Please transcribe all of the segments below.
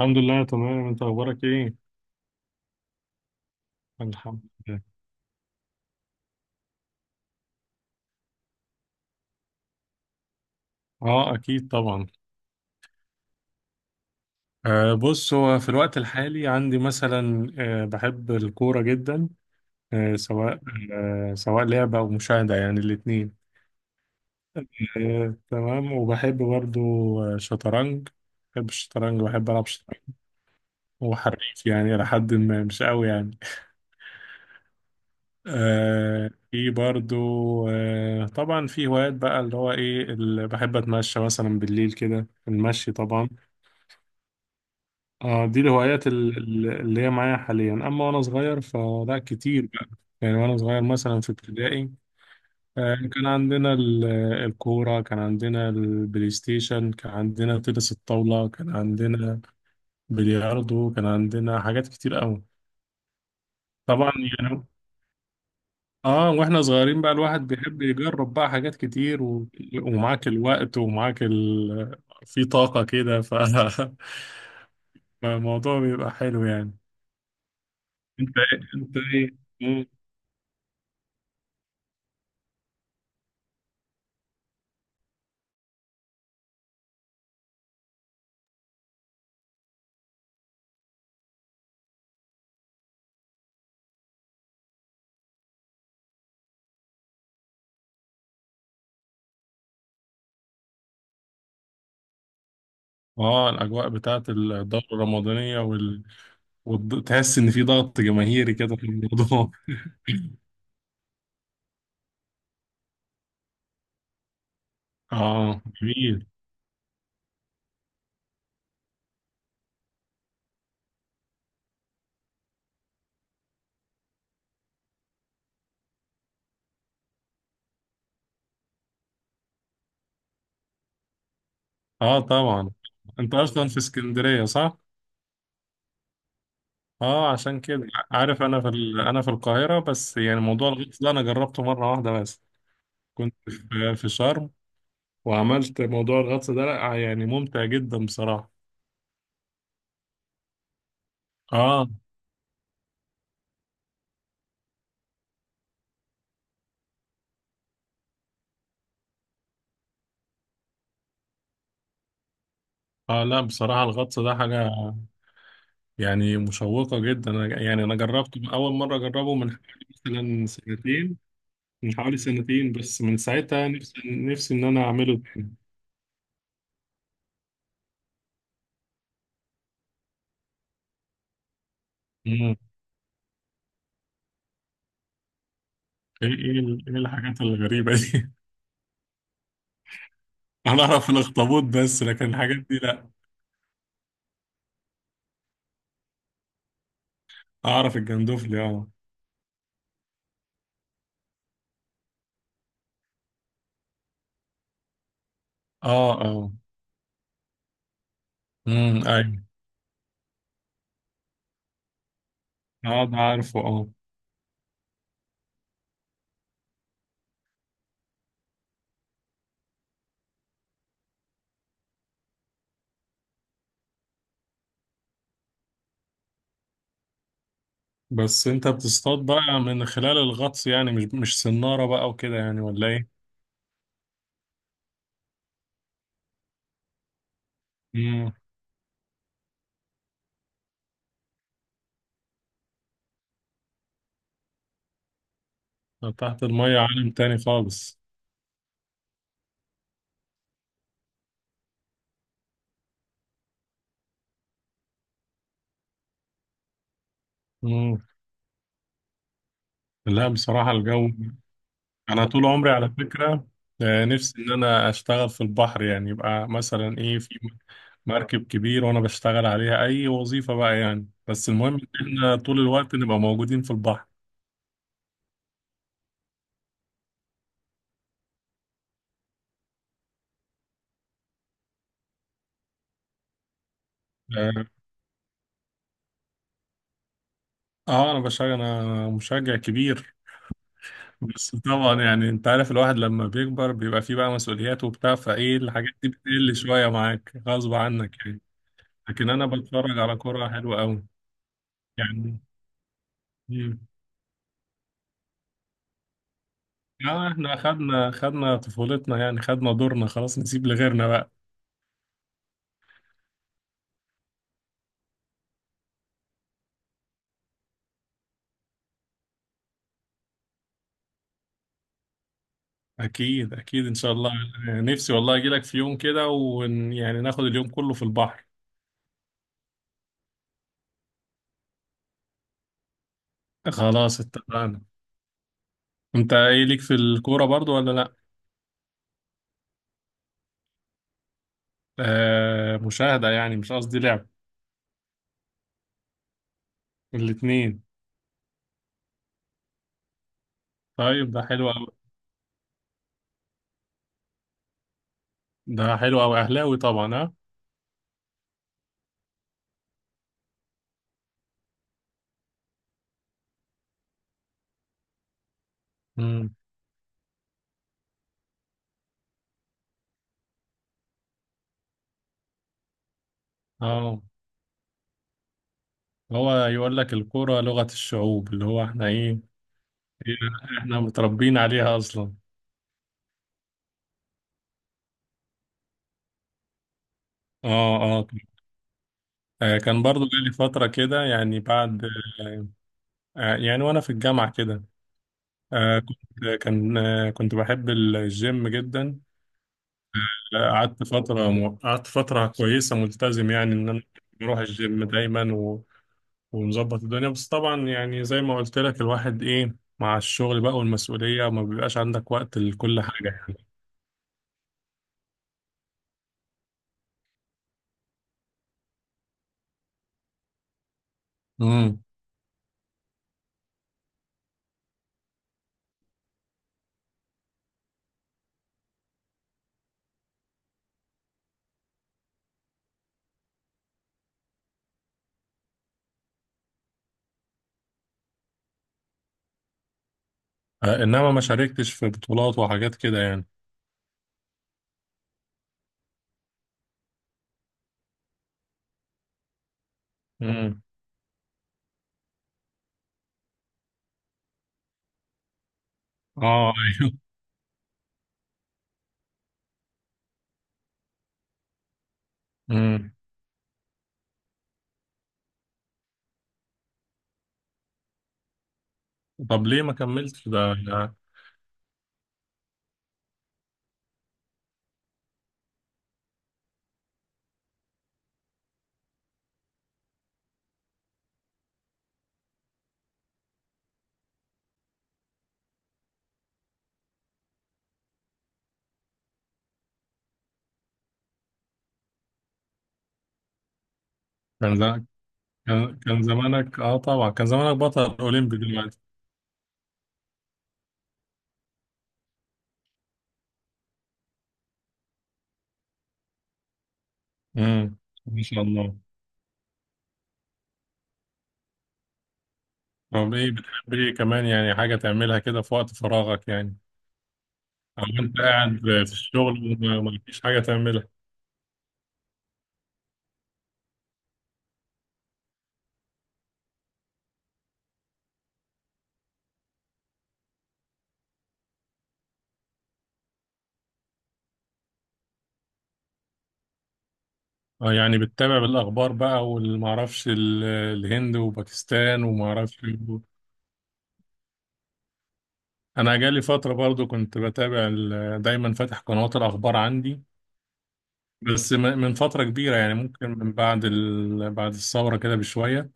الحمد لله تمام، انت اخبارك ايه؟ الحمد لله. اه، اكيد طبعا. بص، هو في الوقت الحالي عندي مثلا بحب الكوره جدا. سواء سواء لعبه او مشاهده، يعني الاثنين. تمام وبحب برضو شطرنج. بحب الشطرنج وبحب العب شطرنج، وحريف يعني لحد ما، مش قوي يعني. في برضو. طبعا في هوايات بقى اللي هو ايه، اللي بحب اتمشى مثلا بالليل كده، المشي طبعا. اه دي الهوايات اللي هي معايا حاليا، اما وانا صغير فلا كتير بقى. يعني وانا صغير مثلا في ابتدائي، كان عندنا الكورة، كان عندنا البلاي ستيشن، كان عندنا تنس الطاولة، كان عندنا بلياردو، كان عندنا حاجات كتير قوي. طبعا يعني. اه واحنا صغيرين بقى الواحد بيحب يجرب بقى حاجات كتير ومعاك الوقت ومعاك في طاقة كده فالموضوع بيبقى حلو يعني. انت ايه؟ اه الاجواء بتاعت الدوره الرمضانيه وتحس ان في ضغط جماهيري كده في الموضوع. اه، جميل. اه طبعا. انت اصلا في اسكندريه، صح؟ اه، عشان كده عارف، انا انا في القاهره، بس يعني موضوع الغطس ده انا جربته مره واحده بس. كنت في شرم، وعملت موضوع الغطس ده، لا يعني ممتع جدا بصراحه. اه اه. لا بصراحه الغطس ده حاجه يعني مشوقه جدا، يعني انا جربته اول مره اجربه من حوالي مثلا سنتين. من حوالي سنتين، بس من ساعتها نفسي إن أنا أعمله تاني. مم. إيه الحاجات الغريبة دي؟ أنا أعرف الأخطبوط بس، لكن الحاجات دي لأ. أعرف الجندوفلي، أه. أه أه. أمم، أيوه. أه، ده عارفه، أه. بس أنت بتصطاد بقى من خلال الغطس يعني، مش صنارة بقى وكده يعني، ولا إيه؟ امم. تحت المية عالم تاني خالص. امم. لا بصراحة الجو، أنا طول عمري على فكرة، نفسي إن أنا أشتغل في البحر، يعني يبقى مثلا إيه، في مركب كبير وانا بشتغل عليها اي وظيفة بقى يعني، بس المهم ان احنا طول الوقت نبقى موجودين في البحر. اه. انا بشجع، انا مشجع كبير. بس طبعا يعني انت عارف، الواحد لما بيكبر بيبقى فيه بقى مسؤوليات وبتاع، فايه الحاجات دي بتقل شوية معاك غصب عنك يعني، لكن انا بتفرج على كرة حلوة قوي يعني. مم. اه احنا خدنا طفولتنا، يعني خدنا دورنا خلاص، نسيب لغيرنا بقى. اكيد اكيد ان شاء الله. نفسي والله اجي لك في يوم كده، ويعني ناخد اليوم كله في البحر. خلاص اتفقنا. انت ايه ليك في الكوره برضو ولا لا؟ مشاهده يعني، مش قصدي لعب. الاتنين. طيب ده حلو قوي. ده حلو قوي، اهلاوي طبعا ها. امم. اه، هو يقول لك الكوره لغه الشعوب، اللي هو احنا ايه، إيه، احنا متربيين عليها اصلا. اه اه. كان برضو جالي فتره كده يعني بعد، يعني وانا في الجامعه كده. كنت بحب الجيم جدا. قعدت فترة كويسة، ملتزم يعني إن أنا بروح الجيم دايما ومظبط الدنيا، بس طبعا يعني زي ما قلت لك، الواحد إيه مع الشغل بقى والمسؤولية، ما بيبقاش عندك وقت لكل حاجة يعني. امم. إنما ما شاركتش في بطولات وحاجات كده يعني. امم، آه، امم. طب ليه ما كملتش ده، ده كان ز- كان كان زمانك آه طبعا كان زمانك بطل أولمبي دلوقتي. امم، ما شاء الله. طب، بتحب ايه كمان، يعني حاجة تعملها كده في وقت فراغك يعني، او انت قاعد في الشغل وما ما فيش حاجة تعملها؟ اه يعني بتتابع الاخبار بقى، والمعرفش الهند وباكستان ومعرفش إيه. انا جالي فترة برضو كنت بتابع دايما فاتح قنوات الاخبار عندي، بس من فترة كبيرة، يعني ممكن من بعد بعد الثورة كده بشوية.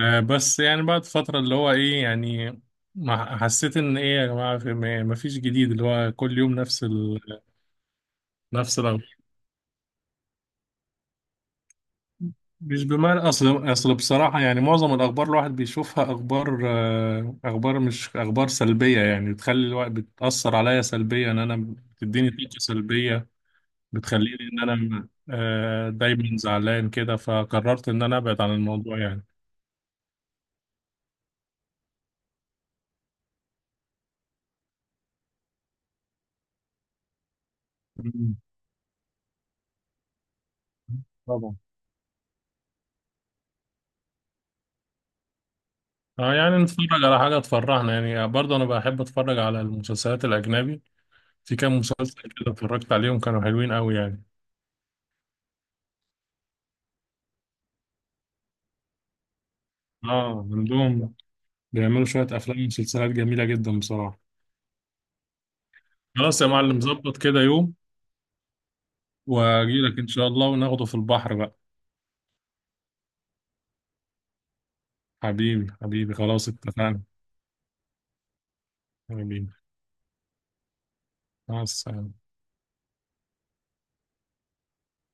بس يعني بعد فترة اللي هو ايه يعني، ما حسيت ان ايه يا جماعه، ما فيش جديد، اللي هو كل يوم نفس الأخبار. مش بمعنى أصل بصراحة، يعني معظم الأخبار الواحد بيشوفها، أخبار مش أخبار سلبية، يعني بتخلي الواحد بتأثر عليا سلبيا، إن أنا بتديني طاقة سلبية، بتخليني إن أنا دايما زعلان كده، فقررت إن أنا أبعد عن الموضوع يعني. مم. طبعا. اه يعني نتفرج على حاجة تفرحنا، يعني برضه أنا بحب أتفرج على المسلسلات الأجنبي، في كام مسلسل كده اتفرجت عليهم كانوا حلوين أوي يعني. اه عندهم بيعملوا شوية أفلام ومسلسلات جميلة جدا بصراحة. خلاص يا معلم، ظبط كده يوم وأجيلك إن شاء الله، وناخده في البحر بقى. حبيبي حبيبي خلاص اتفقنا. حبيبي. مع السلامة.